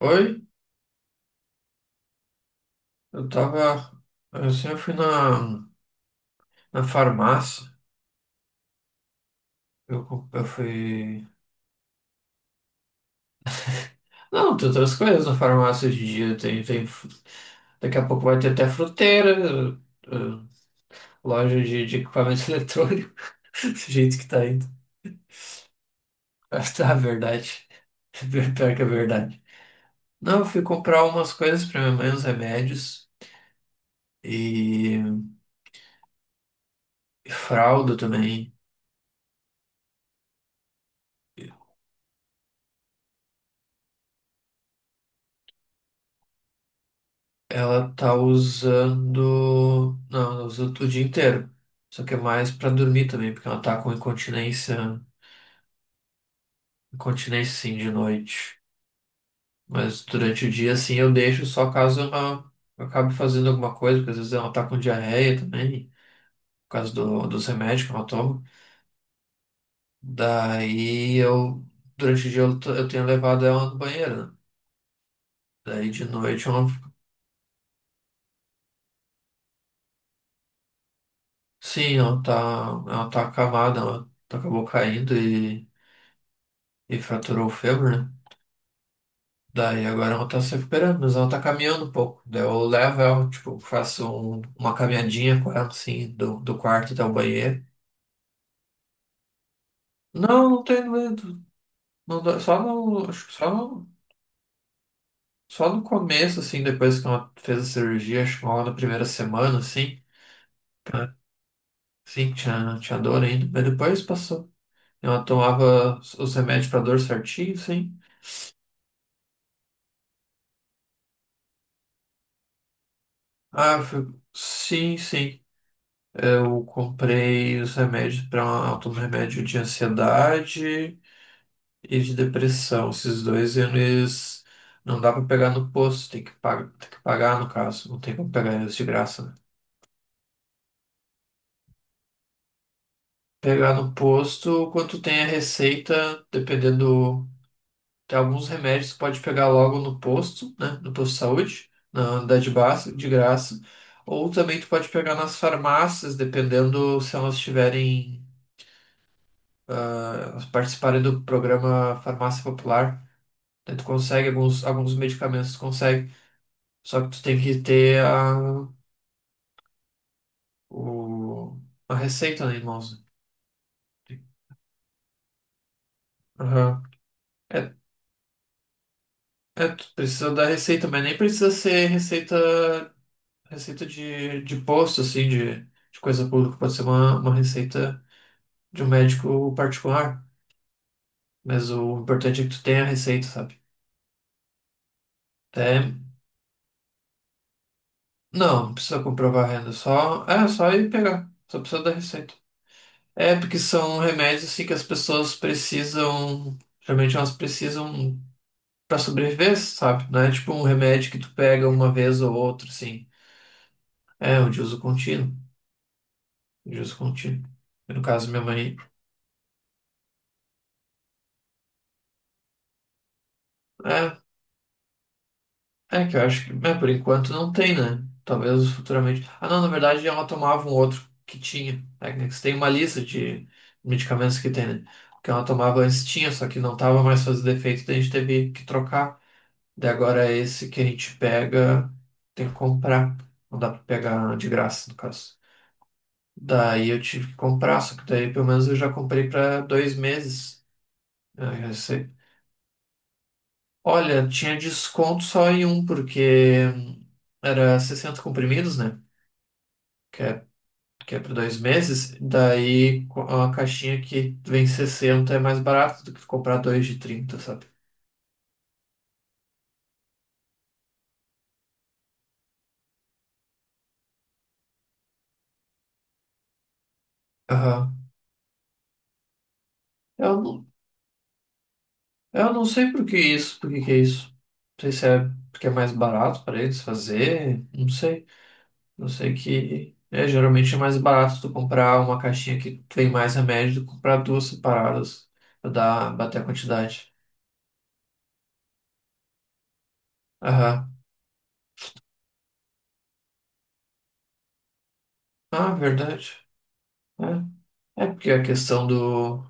Oi, eu tava. Eu fui na farmácia. Eu fui. Não, tem outras coisas na farmácia hoje em dia. Daqui a pouco vai ter até fruteira, eh, eh, loja de equipamento eletrônico. Do jeito que tá indo. Ah, tá, verdade. Pior que é verdade. Não, eu fui comprar umas coisas pra minha mãe, uns remédios. E, e fralda também. Ela tá usando. Não, ela usa o dia inteiro. Só que é mais pra dormir também, porque ela tá com incontinência. Incontinência sim de noite. Mas durante o dia, assim, eu deixo só caso ela eu acabe fazendo alguma coisa, porque às vezes ela tá com diarreia também, por causa dos remédios que ela toma. Daí eu. Durante o dia eu tenho levado ela no banheiro, né? Daí de noite ela. Sim, Ela tá acamada, ela acabou caindo e fraturou o fêmur, né? Daí agora ela tá se recuperando, mas ela tá caminhando um pouco. Daí eu levo ela, tipo, uma caminhadinha com ela, assim, do quarto até o banheiro. Não, não tenho medo. Só acho que só no começo, assim, depois que ela fez a cirurgia, acho que lá na primeira semana, assim, sim, tinha dor ainda, mas depois passou. Ela tomava os remédios pra dor certinho, sim. Sim, sim. Eu comprei os remédios para um remédio de ansiedade. E de depressão, esses dois eles não dá pra pegar no posto, tem que pagar no caso, não tem como pegar eles de graça, né? Pegar no posto, quanto tem a receita, dependendo, tem alguns remédios que pode pegar logo no posto, né? No posto de saúde, na unidade básica, de graça. Ou também tu pode pegar nas farmácias, dependendo se elas tiverem, elas participarem do programa Farmácia Popular. Daí tu consegue alguns medicamentos, tu consegue. Só que tu tem que ter o, a receita, né, irmãos? Aham. É, tu precisa da receita, mas nem precisa ser receita, receita de posto, assim, de coisa pública. Pode ser uma receita de um médico particular. Mas o importante é que tu tenha a receita, sabe? Até, não, não precisa comprovar a renda, só, é só ir pegar. Só precisa da receita. É porque são remédios assim que as pessoas precisam, geralmente elas precisam pra sobreviver, sabe? Não é tipo um remédio que tu pega uma vez ou outra, assim. É, o de uso contínuo. De uso contínuo. No caso, minha mãe. É, é que eu acho que, é, por enquanto não tem, né? Talvez futuramente. Ah, não, na verdade ela tomava um outro que tinha. Technics tem uma lista de medicamentos que tem, né? O que ela tomava antes tinha, só que não tava mais fazendo efeito, daí a gente teve que trocar. Daí agora esse que a gente pega, tem que comprar. Não dá pra pegar de graça, no caso. Daí eu tive que comprar, só que daí pelo menos eu já comprei para 2 meses. Aí eu já sei. Olha, tinha desconto só em um, porque era 60 comprimidos, né? Que é, que é para 2 meses. A caixinha que vem 60 é mais barato do que tu comprar dois de 30, sabe? Aham. Eu não, eu não sei por que isso, por que que é isso. Não sei se é porque é mais barato para eles fazer, não sei. Eu sei que é, geralmente é mais barato tu comprar uma caixinha que tem mais remédio do que comprar duas separadas pra dar, bater a quantidade. Aham. Ah, verdade. É, é porque a questão do.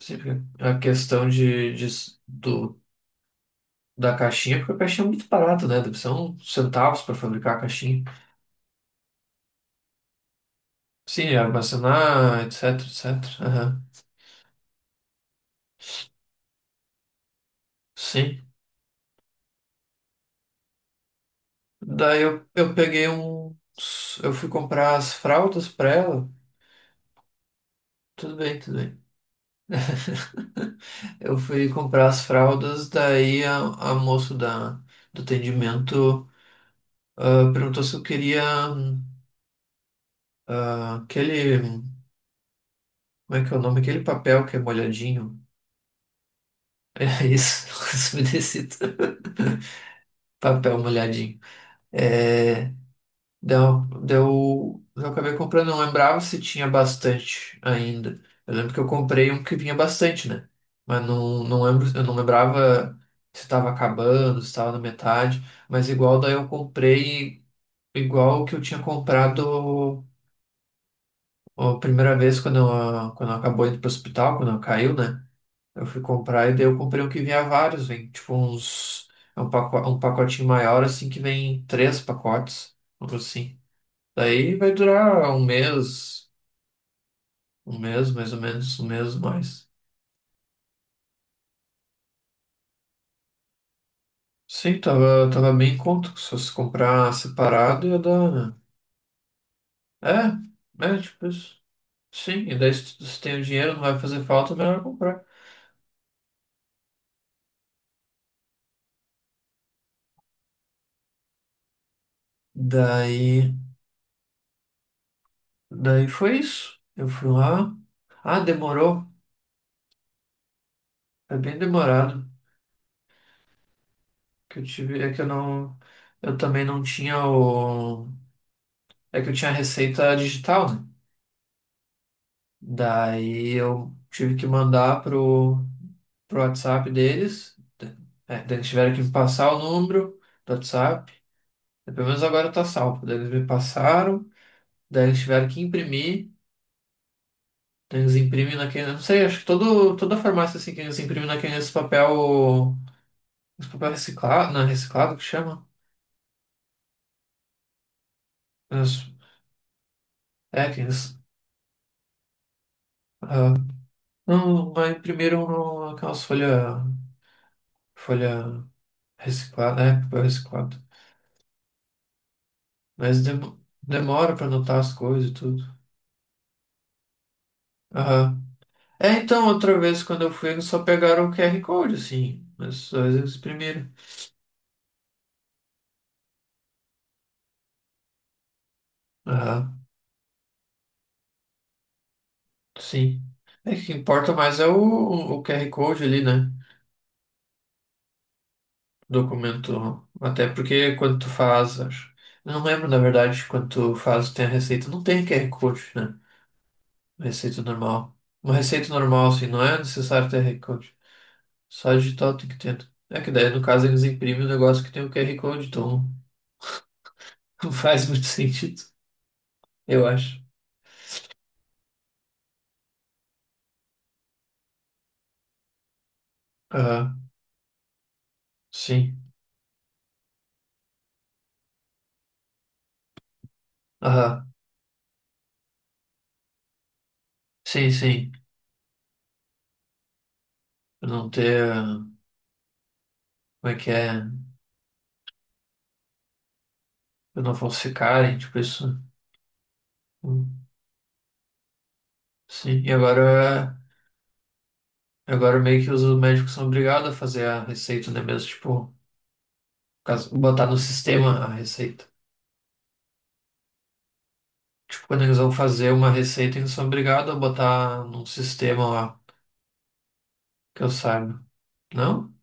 Sempre A questão do, da caixinha, porque a caixinha é muito barata, né? Deve ser uns centavos para fabricar a caixinha. Sim, é armazenar, etc, etc. Aham. Sim. Eu peguei um. Eu fui comprar as fraldas pra ela. Tudo bem, tudo bem. Eu fui comprar as fraldas, daí a moça do atendimento perguntou se eu queria aquele. Como é que é o nome? Aquele papel que é molhadinho. É isso, isso me decita. Papel molhadinho. É, deu, eu acabei comprando, não lembrava se tinha bastante ainda. Eu lembro que eu comprei um que vinha bastante, né? Não lembro, eu não lembrava se estava acabando, se estava na metade. Mas igual daí eu comprei, igual que eu tinha comprado a primeira vez quando eu acabou indo pro hospital, quando eu caiu, né? Eu fui comprar e daí eu comprei um que vinha vários, é um pacote, um pacotinho maior assim que vem 3 pacotes, algo assim. Daí vai durar um mês mais ou menos, 1 mês mais. Sim, tava bem em conta, que só se comprar separado ia dar. Né? É, é tipo isso. Sim, e daí se tem o dinheiro, não vai fazer falta, melhor comprar. Daí, daí foi isso. Eu fui lá. Ah, demorou. É bem demorado. Que eu tive, é que eu não, eu também não tinha o, é que eu tinha a receita digital, né? Daí eu tive que mandar pro WhatsApp deles. É, daí eles tiveram que me passar o número do WhatsApp. Pelo menos agora tá salvo. Daí eles me passaram, daí eles tiveram que imprimir. Daí eles imprimem naquele. Não sei, acho que toda farmácia assim que eles imprimem naquele esse papel. Esse papel reciclado. Não, é reciclado que chama? Mas, É, que eles. ah, não, mas imprimiram no- aquelas folhas. Folha reciclada, é, papel reciclado. Mas demora pra anotar as coisas e tudo. Aham. É, então, outra vez quando eu fui, eles só pegaram o QR Code, assim. Mas só eles exprimiram. Aham, sim. É que o que importa mais é o QR Code ali, né? Documento. Até porque quando tu faz, acho. Eu não lembro, na verdade, quando tu faz, tem a receita. Não tem QR Code, né? Receita normal. Uma receita normal, assim, não é necessário ter QR Code. Só digital tem que ter. É que daí, no caso, eles imprimem o negócio que tem o QR Code, então. Faz muito sentido, eu acho. Aham, sim. Aham, sim, sim. Pra não ter. Ah, Como é que é? Pra não falsificarem, tipo isso. Hum, sim, e agora. Agora meio que os médicos são obrigados a fazer a receita, né? Mesmo, tipo, botar no sistema a receita. Tipo, quando eles vão fazer uma receita, eles são obrigados a botar num sistema lá, que eu saiba. Não?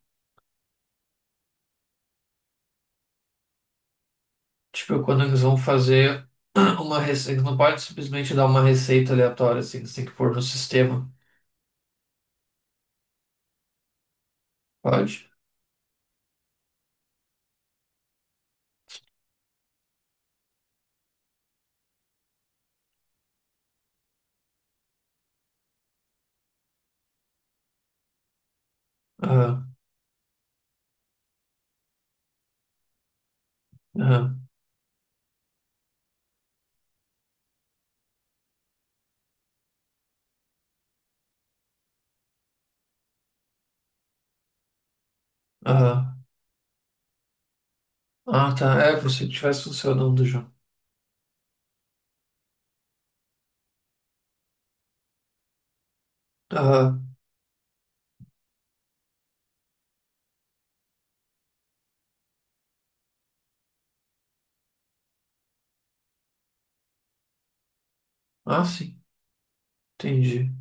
Tipo, quando eles vão fazer uma receita, eles não pode simplesmente dar uma receita aleatória, assim, eles têm que pôr no sistema. Pode? Aham, aham, aham. Ah, tá. É, por se tivesse funcionando já. Aham. Ah, sim. Entendi.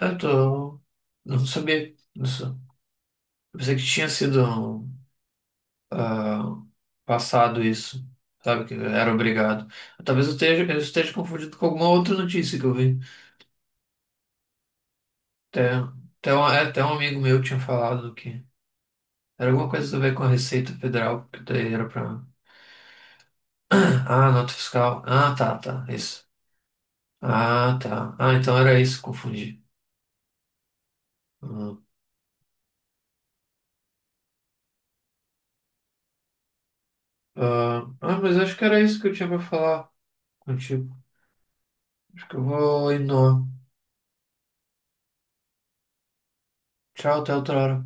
Eu tô... Não sabia disso. Pensei que tinha sido ah, passado isso. Sabe, que era obrigado. Talvez eu esteja confundido com alguma outra notícia que eu vi. Até, até um amigo meu tinha falado que era alguma coisa a ver com a Receita Federal, que daí era pra. Ah, nota fiscal. Ah, tá, tá. Isso. Ah, tá. Ah, então era isso, confundi. Ah, mas acho que era isso que eu tinha pra falar contigo. Acho que eu vou indo. Tchau, até outra hora.